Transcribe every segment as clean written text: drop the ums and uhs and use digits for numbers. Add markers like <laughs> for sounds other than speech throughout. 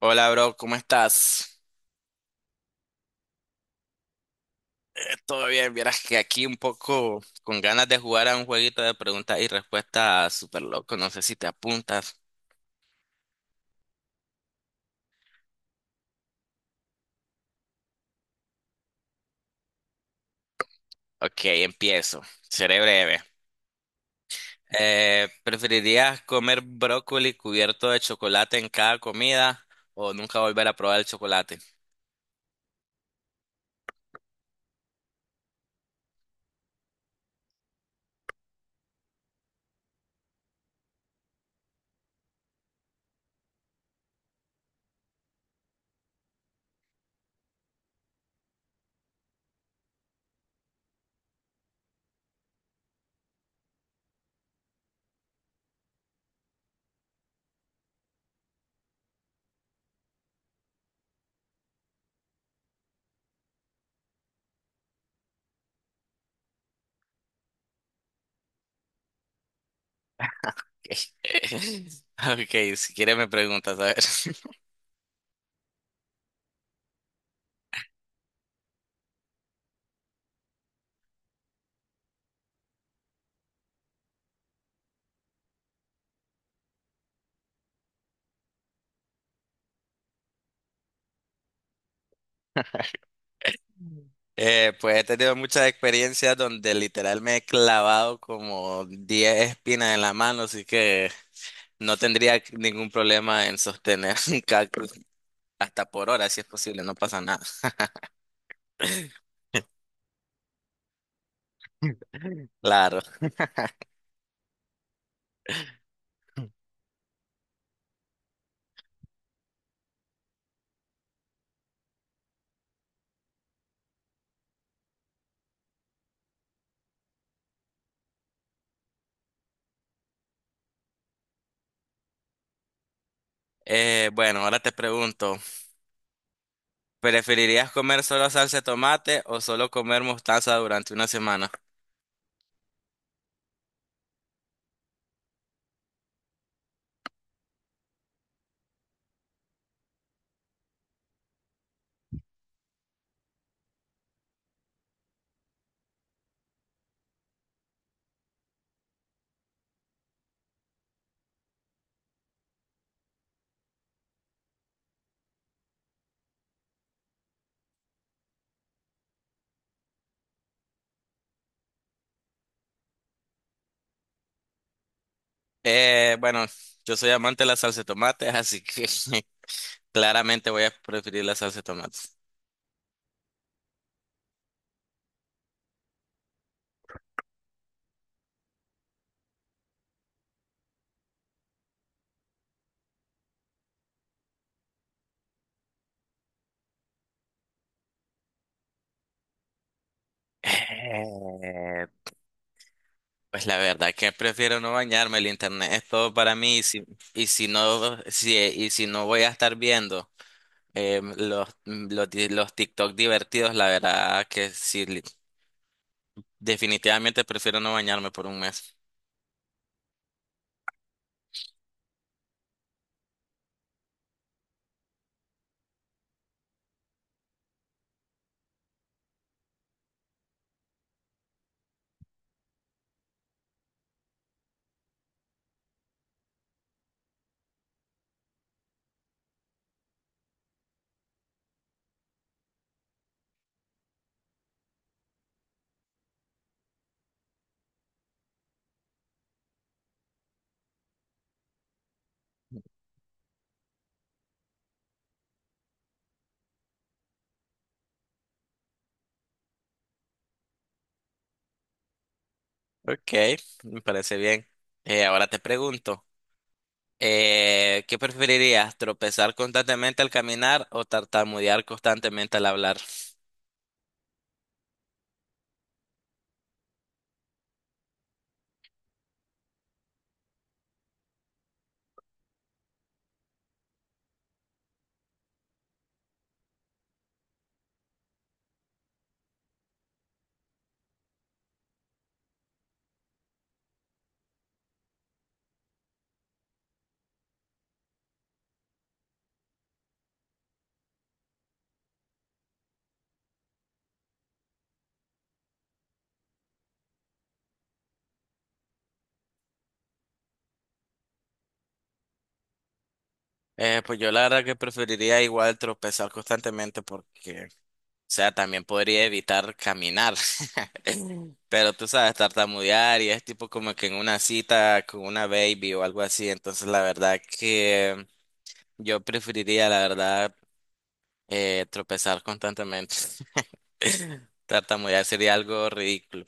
Hola, bro, ¿cómo estás? Eh, todo bien, vieras que aquí un poco con ganas de jugar a un jueguito de preguntas y respuestas súper loco, no sé si te apuntas. Ok, empiezo, seré breve. ¿Preferirías comer brócoli cubierto de chocolate en cada comida o nunca volver a probar el chocolate? <laughs> Ok, si quieres me preguntas, a ver. <laughs> Pues he tenido muchas experiencias donde literal me he clavado como 10 espinas en la mano, así que no tendría ningún problema en sostener <laughs> un cactus hasta por hora, si es posible, no pasa nada. Claro. Bueno, ahora te pregunto, ¿preferirías comer solo salsa de tomate o solo comer mostaza durante una semana? Bueno, yo soy amante de la salsa de tomate, así que <laughs> claramente voy a preferir la salsa de tomate. Eh, Pues la verdad que prefiero no bañarme, el internet es todo para mí, si, y si no voy a estar viendo, los, mm, los, di- los TikTok divertidos, la verdad que sí, definitivamente prefiero no bañarme por un mes. Ok, me parece bien. Ahora te pregunto, ¿qué preferirías, tropezar constantemente al caminar o tartamudear constantemente al hablar? Pues yo la verdad que preferiría igual tropezar constantemente, porque, o sea, también podría evitar caminar. <laughs> Pero tú sabes, tartamudear y es tipo como que en una cita con una baby o algo así. Entonces, la verdad que yo preferiría, la verdad, tropezar constantemente. <laughs> Tartamudear sería algo ridículo.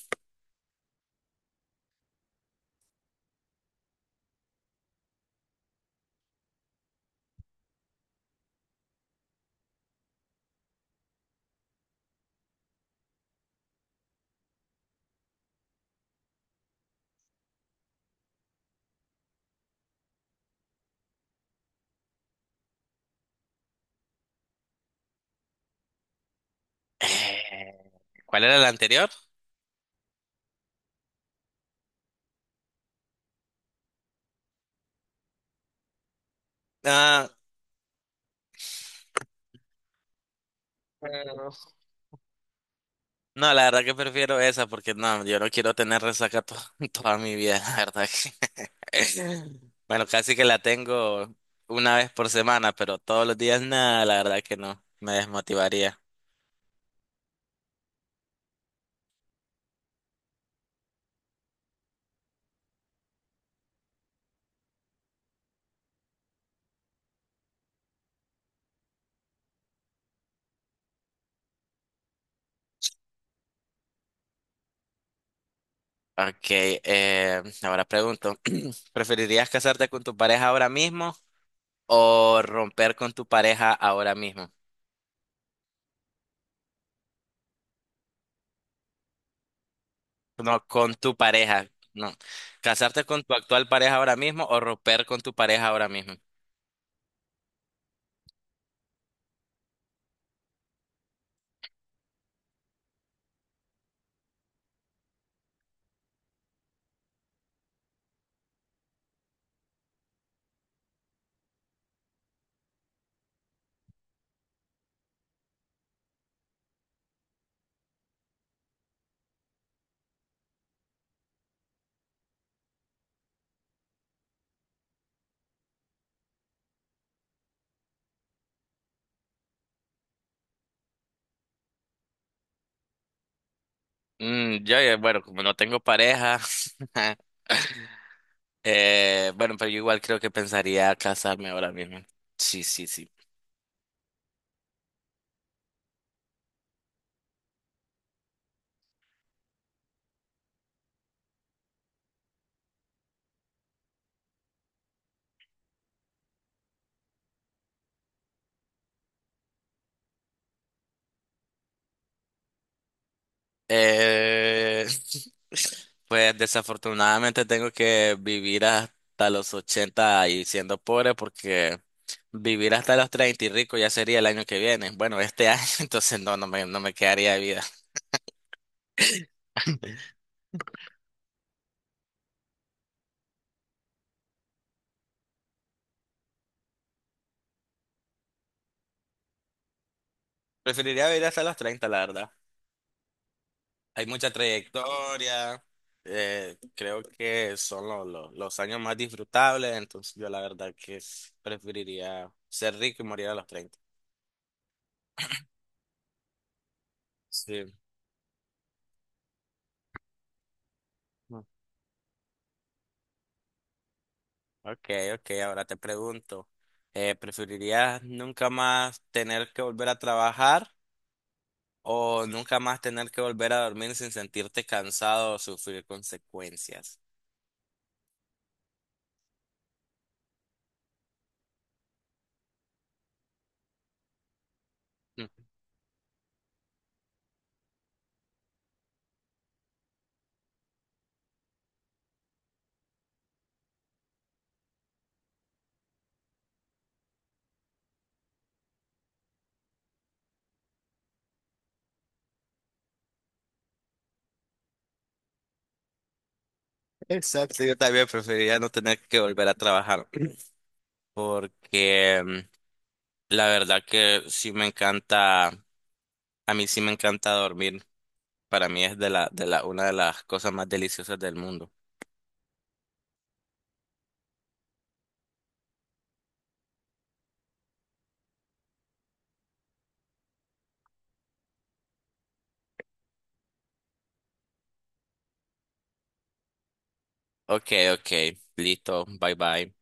Eh, ¿Cuál era la anterior? Ah, eh, no, la verdad que prefiero esa porque no, yo no quiero tener resaca <laughs> toda mi vida, la verdad que. Bueno, casi que la tengo una vez por semana, pero todos los días nada, la verdad que no, me desmotivaría. Ok, ahora pregunto, <clears throat> ¿preferirías casarte con tu pareja ahora mismo o romper con tu pareja ahora mismo? No, con tu pareja, no. ¿Casarte con tu actual pareja ahora mismo o romper con tu pareja ahora mismo? Yo, bueno, como no tengo pareja, <laughs> bueno, pero yo igual creo que pensaría casarme ahora mismo. Sí, sí, sí. Eh, <laughs> pues desafortunadamente tengo que vivir hasta los 80 y siendo pobre, porque vivir hasta los 30 y rico ya sería el año que viene. Bueno, este año, <laughs> entonces no, no me quedaría de vida. <laughs> Preferiría vivir hasta los 30, la verdad. Hay mucha trayectoria, creo que son los años más disfrutables, entonces yo la verdad que preferiría ser rico y morir a los 30. Sí. Ok, ok, ahora te pregunto, ¿preferirías nunca más tener que volver a trabajar o nunca más tener que volver a dormir sin sentirte cansado o sufrir consecuencias? Mm. Exacto, yo también preferiría no tener que volver a trabajar, porque la verdad que sí me encanta, a mí sí me encanta dormir, para mí es una de las cosas más deliciosas del mundo. Ok, ok, listo, bye bye.